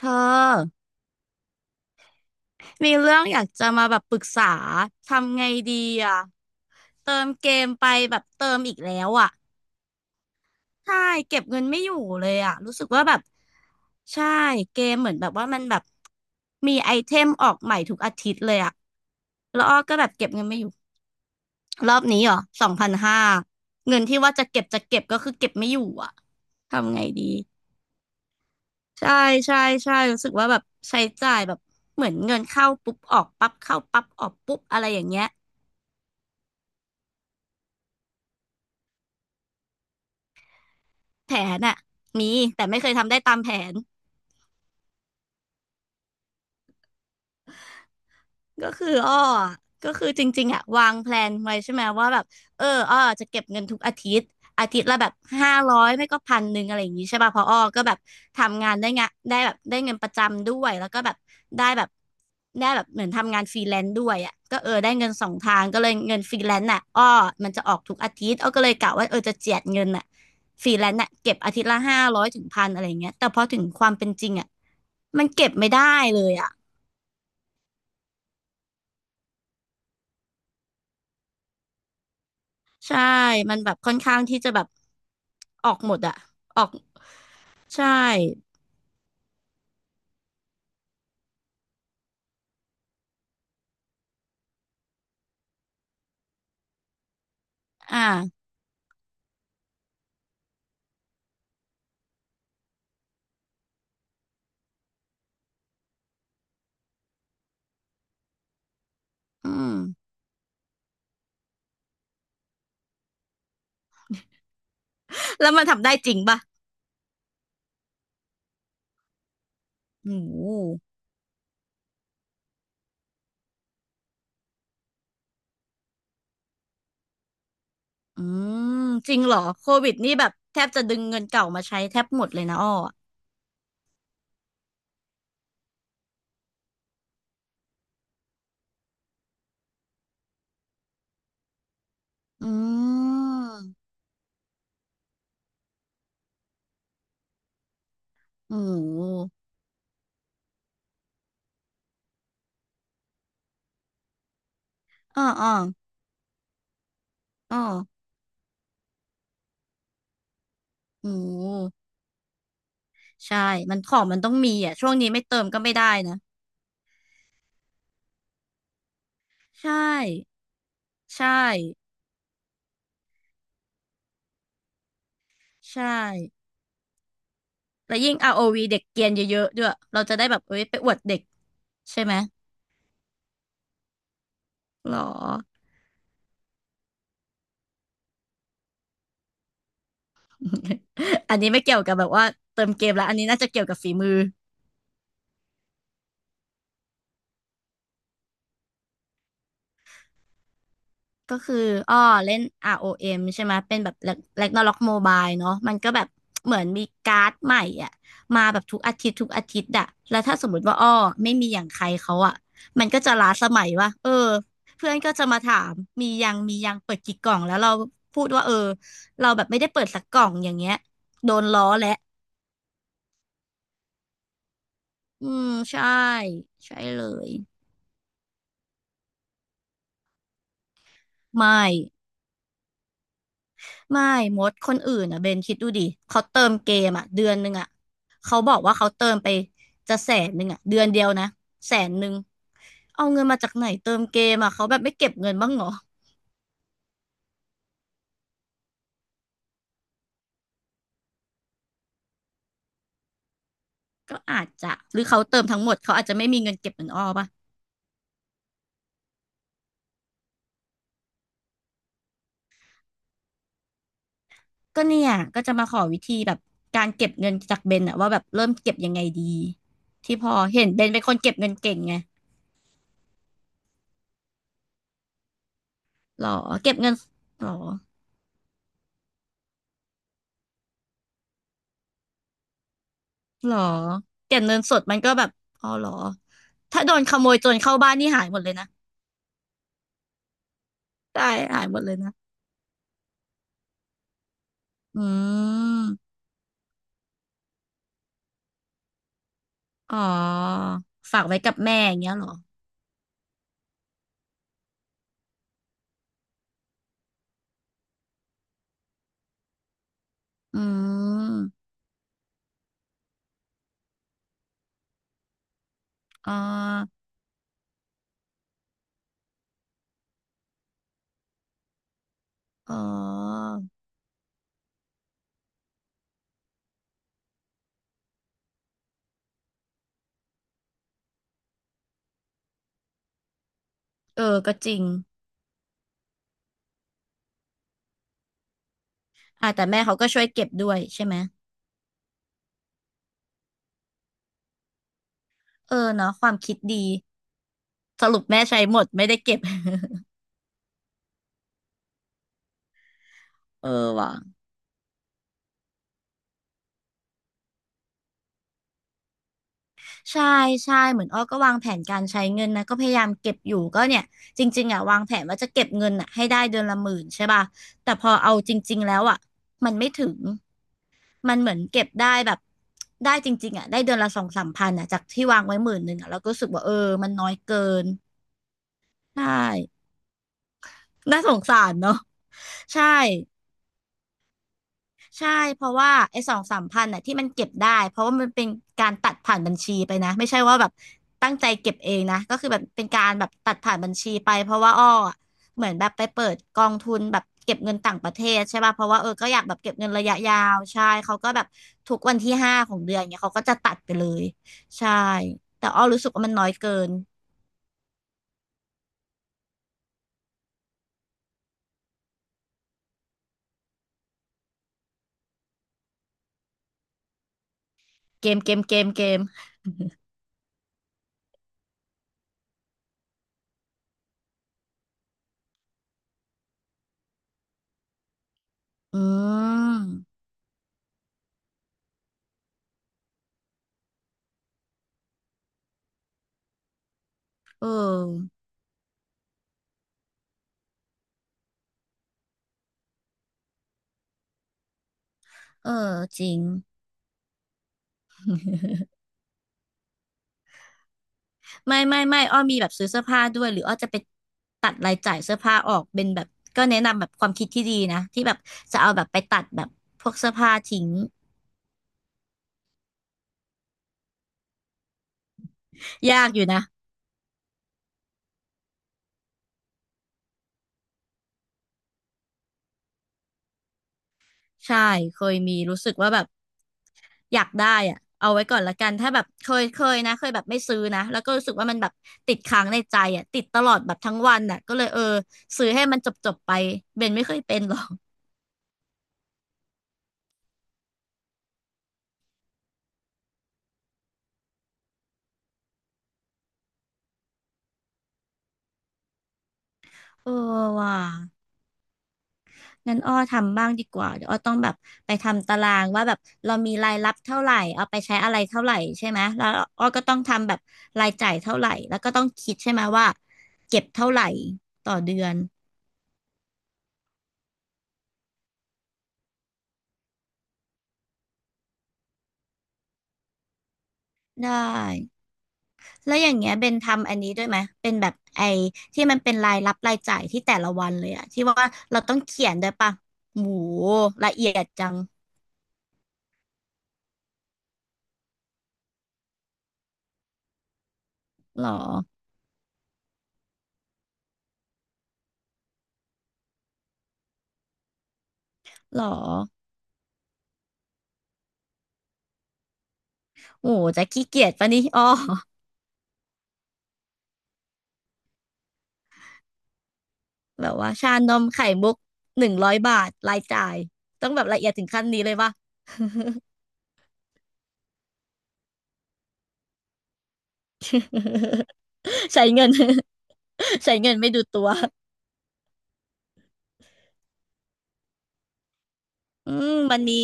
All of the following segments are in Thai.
เธอมีเรื่องอยากจะมาแบบปรึกษาทำไงดีอ่ะเติมเกมไปแบบเติมอีกแล้วอ่ะใช่เก็บเงินไม่อยู่เลยอ่ะรู้สึกว่าแบบใช่เกมเหมือนแบบว่ามันแบบมีไอเทมออกใหม่ทุกอาทิตย์เลยอ่ะแล้วอ้อก็แบบเก็บเงินไม่อยู่รอบนี้เหรอ2,500เงินที่ว่าจะเก็บจะเก็บก็คือเก็บไม่อยู่อ่ะทำไงดี ใช่ใช่ใช่รู้สึกว่าแบบใช้จ่ายแบบเหมือนเงินเข้าปุ๊บออกปั๊บเข้าปั๊บออกปุ๊บอะไรอย่างเงี้ยแผนอะมีแต่ไม่เคยทำได้ตามแผน ก็คืออ้อก็คือจริงๆอะวางแพลนไว้ใช่ไหมว่าแบบเอออ้อจะเก็บเงินทุกอาทิตย์อาทิตย์ละแบบห้าร้อยไม่ก็1,000อะไรอย่างงี้ใช่ป่ะเพราะอ้อก็แบบทำงานได้งะได้แบบได้เงินประจำด้วยแล้วก็แบบได้แบบได้แบบเหมือนทำงานฟรีแลนซ์ด้วยอ่ะก็เออได้เงินสองทางก็เลยเงินฟรีแลนซ์น่ะอ้อมันจะออกทุกอาทิตย์อ้อก็เลยกะว่าเออจะเจียดเงินน่ะฟรีแลนซ์น่ะเก็บอาทิตย์ละ500-1,000อะไรอย่างเงี้ยแต่พอถึงความเป็นจริงอ่ะมันเก็บไม่ได้เลยอ่ะ ใช่มันแบบค่อนข้างที่จะแบบออกหมดอะออกใช่อ่าอืม แล้วมันทำได้จริงป่ะโอ้โหอืมจริงเหรอโควิดนี่แบบแทบจะดึงเงินเก่ามาใช้แทบหมดเลยนะอ้ออะอืมโอ้โหอ้ออ้อโอ้โหใช่มันของมันต้องมีอ่ะช่วงนี้ไม่เติมก็ไม่ได้นะ ใช่ใช่ใช่แล้วยิ่ง ROV เด็กเกรียนเยอะๆด้วย เราจะได้แบบเอ้ยไปอวดเด็กใช่ไหม หรอ อันนี้ไม่เกี่ยวกับแบบว่าเติมเกมแล้วอันนี้น่าจะเกี่ยวกับฝีมือก็คืออ้อเล่น ROM ใช่ไหมเป็นแบบ Ragnarok Mobile เนาะมันก็แบบเหมือนมีการ์ดใหม่อ่ะมาแบบทุกอาทิตย์ทุกอาทิตย์อะแล้วถ้าสมมติว่าอ้อไม่มีอย่างใครเขาอะมันก็จะล้าสมัยว่าเออเพื่อนก็จะมาถามมียังมียังเปิดกี่กล่องแล้วเราพูดว่าเออเราแบบไม่ได้เปิดสักกล่องอย่างเงี้ยโดนล้อและอืมใช่ใช่เลยไม่ ไม่มดคนอื่นอ่ะเบนคิดดูดิเขาเติมเกมอ่ะเดือนหนึ่งอ่ะเขาบอกว่าเขาเติมไปจะแสนหนึ่งอ่ะเดือนเดียวนะแสนหนึ่งเอาเงินมาจากไหนเติมเกมอ่ะเขาแบบไม่เก็บเงินบ้างเหรอก็อาจจะหรือเขาเติมทั้งหมดเขาอาจจะไม่มีเงินเก็บเหมือนอ้อปะก็เนี่ยก็จะมาขอวิธีแบบการเก็บเงินจากเบนอ่ะว่าแบบเริ่มเก็บยังไงดีที่พอเห็นเบนเป็นคนเก็บเงินเก่งไงหรอเก็บเงินหรอ หรอเก็บเงินสดมันก็แบบอ๋อหรอถ้าโดนขโมยโจรเข้าบ้านนี่หายหมดเลยนะได้หายหมดเลยนะอืมอ๋อฝากไว้กับแม่อย่างเงี้ยเหรออืมอ๋ออ๋อเออก็จริงอ่ะแต่แม่เขาก็ช่วยเก็บด้วยใช่ไหมเออเนาะความคิดดีสรุปแม่ใช้หมดไม่ได้เก็บ เออว่ะ ใช่ใช่เหมือนอ้อก็วางแผนการใช้เงินนะก็พยายามเก็บอยู่ก็เนี่ยจริงๆอ่ะวางแผนว่าจะเก็บเงินอ่ะให้ได้เดือนละหมื่นใช่ป่ะแต่พอเอาจริงๆแล้วอ่ะมันไม่ถึงมันเหมือนเก็บได้แบบได้จริงๆอ่ะได้เดือนละสองสามพันอ่ะจากที่วางไว้10,000อ่ะเราก็รู้สึกว่าเออมันน้อยเกินใช่น่าสงสารเนาะใช่ ใช่เพราะว่าไอ้สองสามพันน่ะที่มันเก็บได้เพราะว่ามันเป็นการตัดผ่านบัญชีไปนะไม่ใช่ว่าแบบตั้งใจเก็บเองนะก็คือแบบเป็นการแบบตัดผ่านบัญชีไปเพราะว่าอ้ออะเหมือนแบบไปเปิดกองทุนแบบเก็บเงินต่างประเทศใช่ป่ะเพราะว่าเออก็อยากแบบเก็บเงินระยะยาวใช่เขาก็แบบทุกวันที่ห้าของเดือนเนี่ยเขาก็จะตัดไปเลยใช่แต่อ้อรู้สึกว่ามันน้อยเกินเกมอืมเออเออจริง ไม่ไม่ไม่อ้อมีแบบซื้อเสื้อผ้าด้วยหรืออ้อจะไปตัดรายจ่ายเสื้อผ้าออกเป็นแบบก็แนะนำแบบความคิดที่ดีนะที่แบบจะเอาแบบไปตัดแบบพวกเสื้อผ้าทิ้งยากอยู่นะใช่เคยมีรู้สึกว่าแบบอยากได้อะเอาไว้ก่อนละกันถ้าแบบเคยนะเคยแบบไม่ซื้อนะแล้วก็รู้สึกว่ามันแบบติดค้างในใจอ่ะติดตลอดแบบทั้งวันอ่ะก็เลยเออซื้อให้มันจบไปเบนไม่เคยเป็นหรอกเออว่ะ งั้นอ้อทำบ้างดีกว่าเดี๋ยวอ้อต้องแบบไปทำตารางว่าแบบเรามีรายรับเท่าไหร่เอาไปใช้อะไรเท่าไหร่ใช่ไหมแล้วอ้อก็ต้องทำแบบรายจ่ายเท่าไหร่แล้วก็ต้องคิดใช่ไหมว่าเก็บเท่าไหร่ต่อเดือนได้แล้วอย่างเงี้ยเบนทำอันนี้ด้วยไหมเป็นแบบไอ้ที่มันเป็นรายรับรายจ่ายที่แต่ละวันเลยอะที่ว่าเราต้องเขียนด้วยปะโหละเอียดจังหรอหรอโอ้จะขี้เกียจปะนี่อ้อ แบบว่าชานมไข่มุก100 บาทรายจ่ายต้องแบบละเอียดถึงขั้นนี้เลยป่ะ ใช้เงิน ใช้เงินไม่ดูตัวอืมมันมี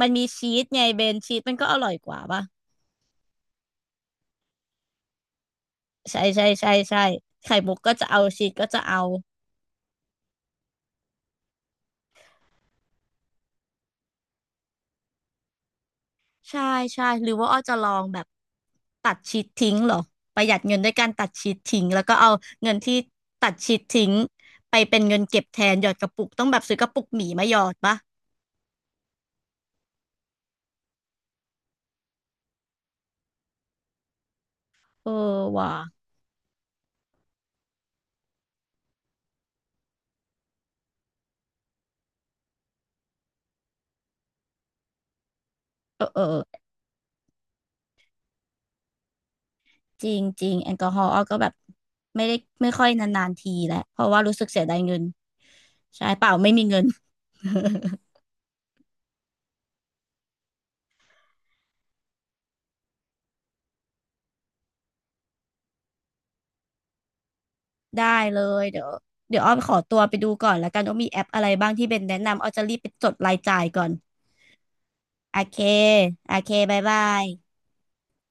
มันมีชีสไงเบนชีสมันก็อร่อยกว่าป่ะใช่ใช่ใช่ใช่ไข่มุกก็จะเอาชีสก็จะเอาใช่ใช่หรือว่าอ้อจะลองแบบตัดชีสทิ้งเหรอประหยัดเงินด้วยการตัดชีสทิ้งแล้วก็เอาเงินที่ตัดชีสทิ้งไปเป็นเงินเก็บแทนหยอดกระปุกต้องแบบซื้อกระปุกหมีมาหยอดปะเออว่ะ เออเออเออจริงจริงแอลกอฮอล์อ้อก็แบบไม่ได้ไม่ค่อยนานๆทีแหละเพราะว่ารู้สึกเสียดายเงินใช่เปล่าไม่มีเงิน ได้เลยเดี๋ยวอ้อขอตัวไปดูก่อนแล้วกันว่ามีแอปอะไรบ้างที่เบนแนะนำอ้อจะรีบไปจดรายจ่ายก่อนโอเคโอเคบายบาย